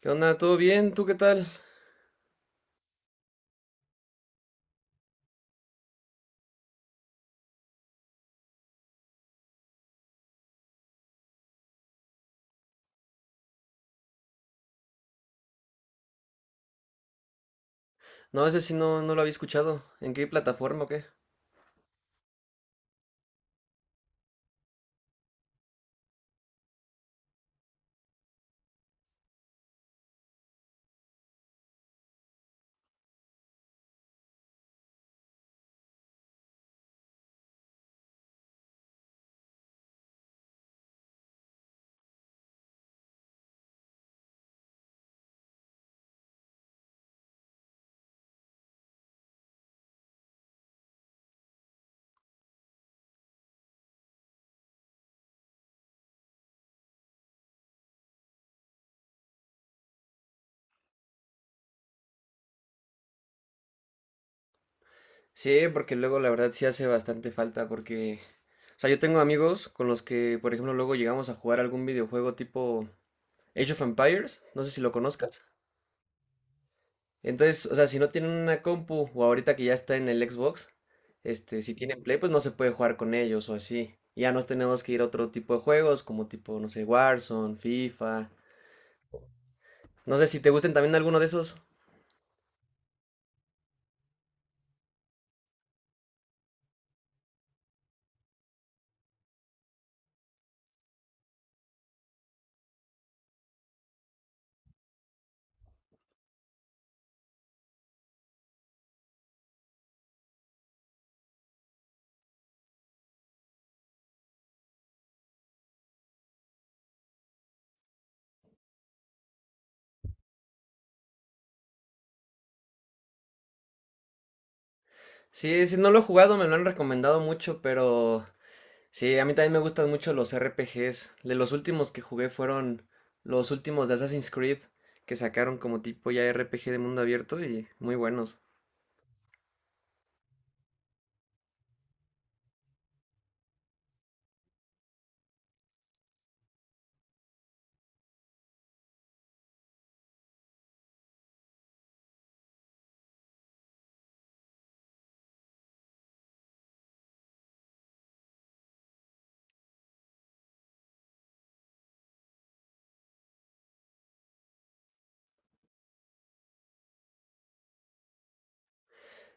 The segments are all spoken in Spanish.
¿Qué onda? ¿Todo bien? ¿Tú qué tal? No, ese sí no lo había escuchado. ¿En qué plataforma o qué? Sí, porque luego la verdad sí hace bastante falta porque. O sea, yo tengo amigos con los que, por ejemplo, luego llegamos a jugar algún videojuego tipo Age of Empires, no sé si lo conozcas. Entonces, o sea, si no tienen una compu o ahorita que ya está en el Xbox, este, si tienen Play, pues no se puede jugar con ellos o así. Y ya nos tenemos que ir a otro tipo de juegos, como tipo, no sé, Warzone, FIFA. No sé si te gusten también alguno de esos. Sí, sí, no lo he jugado, me lo han recomendado mucho, pero sí, a mí también me gustan mucho los RPGs. De los últimos que jugué fueron los últimos de Assassin's Creed, que sacaron como tipo ya RPG de mundo abierto y muy buenos.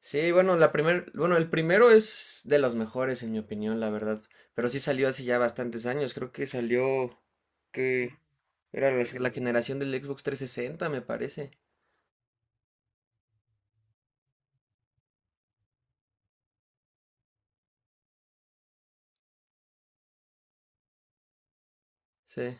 Sí, bueno, bueno, el primero es de los mejores en mi opinión, la verdad. Pero sí salió hace ya bastantes años, creo que salió que era la generación del Xbox 360, me parece. Sí.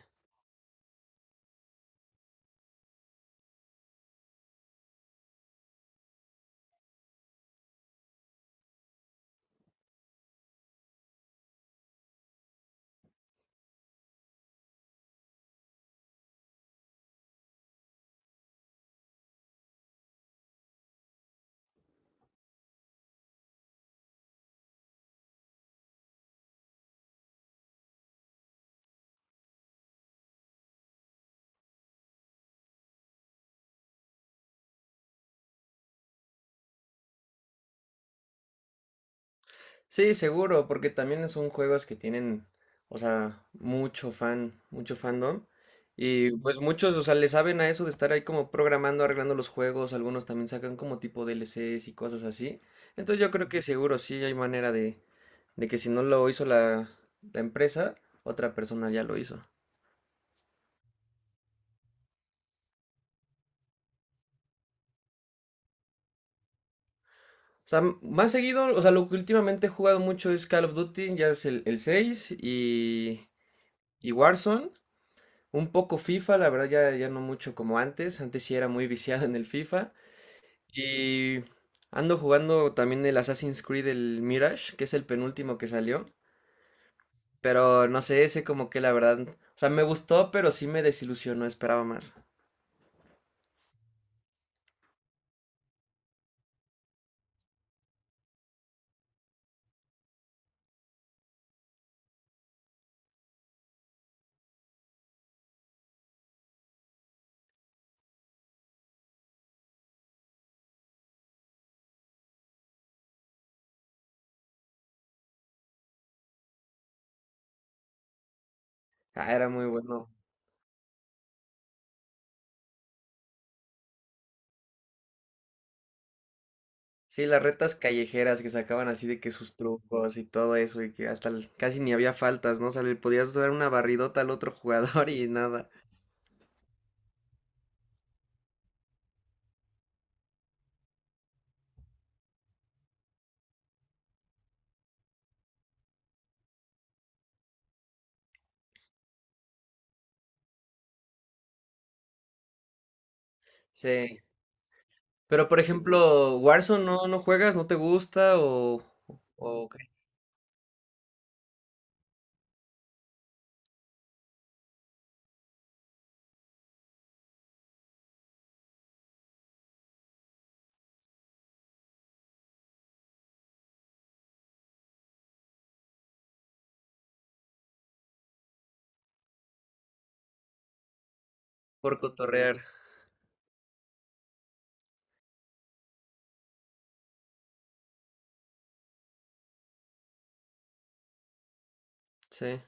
Sí, seguro, porque también son juegos que tienen, o sea, mucho fan, mucho fandom. Y pues muchos, o sea, le saben a eso de estar ahí como programando, arreglando los juegos. Algunos también sacan como tipo DLCs y cosas así. Entonces yo creo que seguro sí hay manera de, que si no lo hizo la empresa, otra persona ya lo hizo. O sea, más seguido, o sea, lo que últimamente he jugado mucho es Call of Duty, ya es el 6 y Warzone. Un poco FIFA, la verdad ya no mucho como antes, antes sí era muy viciado en el FIFA. Y ando jugando también el Assassin's Creed, el Mirage, que es el penúltimo que salió. Pero no sé, ese como que la verdad, o sea, me gustó, pero sí me desilusionó, esperaba más. Ah, era muy bueno. Sí, las retas callejeras que sacaban así de que sus trucos y todo eso, y que hasta casi ni había faltas, ¿no? O sea, le podías dar una barridota al otro jugador y nada. Sí. Pero, por ejemplo, Warzone no juegas, no te gusta o, qué, por cotorrear. Sí,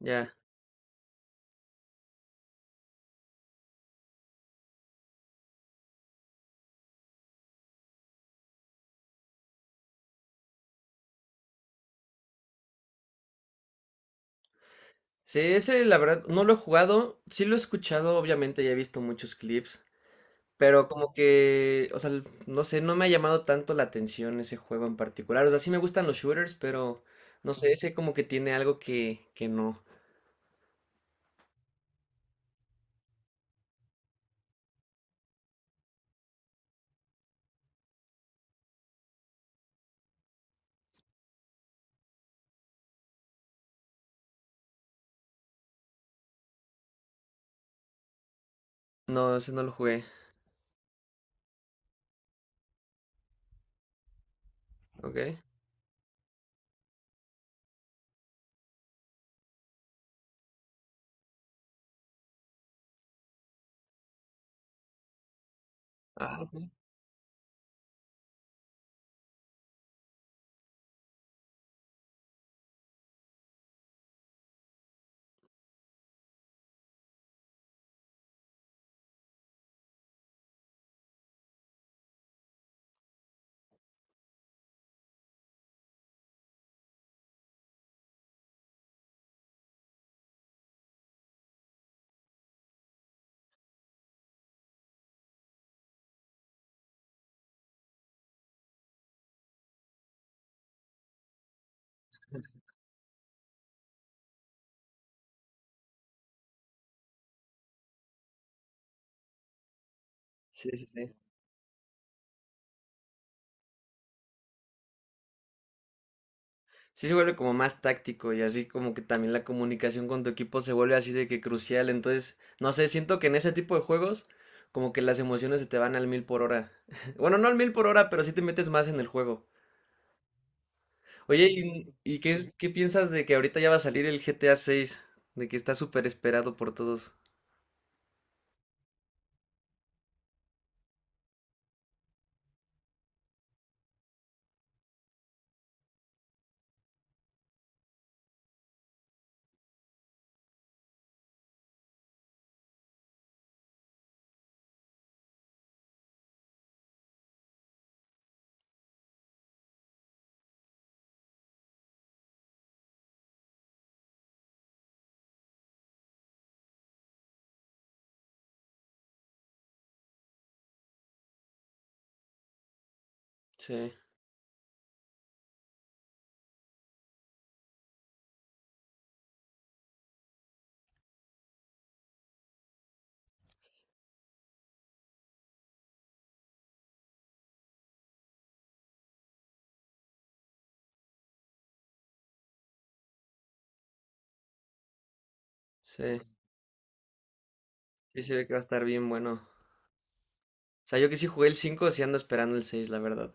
ya. Sí, ese la verdad no lo he jugado, sí lo he escuchado, obviamente ya he visto muchos clips, pero como que, o sea, no sé, no me ha llamado tanto la atención ese juego en particular. O sea, sí me gustan los shooters, pero no sé, ese como que tiene algo que no. No, ese no lo jugué, ¿ok? Ah, ok. Sí, sí, sí. Sí se vuelve como más táctico y así como que también la comunicación con tu equipo se vuelve así de que crucial. Entonces, no sé, siento que en ese tipo de juegos como que las emociones se te van al mil por hora. Bueno, no al mil por hora, pero sí te metes más en el juego. Oye, ¿y qué piensas de que ahorita ya va a salir el GTA 6? De que está súper esperado por todos. Sí, sí, sí se ve que va a estar bien bueno. O sea, yo que sí jugué el 5 sí ando esperando el 6 la verdad.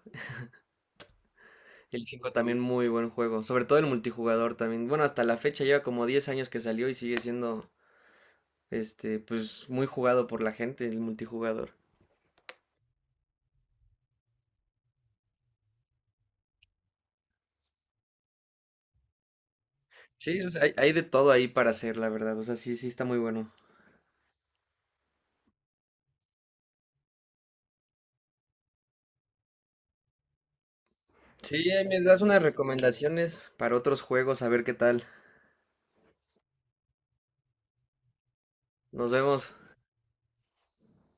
El 5 también muy buen juego, sobre todo el multijugador también. Bueno, hasta la fecha lleva como 10 años que salió y sigue siendo este pues muy jugado por la gente el multijugador. Sí, o sea, hay de todo ahí para hacer, la verdad. O sea, sí, sí está muy bueno. Sí, ahí me das unas recomendaciones para otros juegos, a ver qué tal. Nos vemos.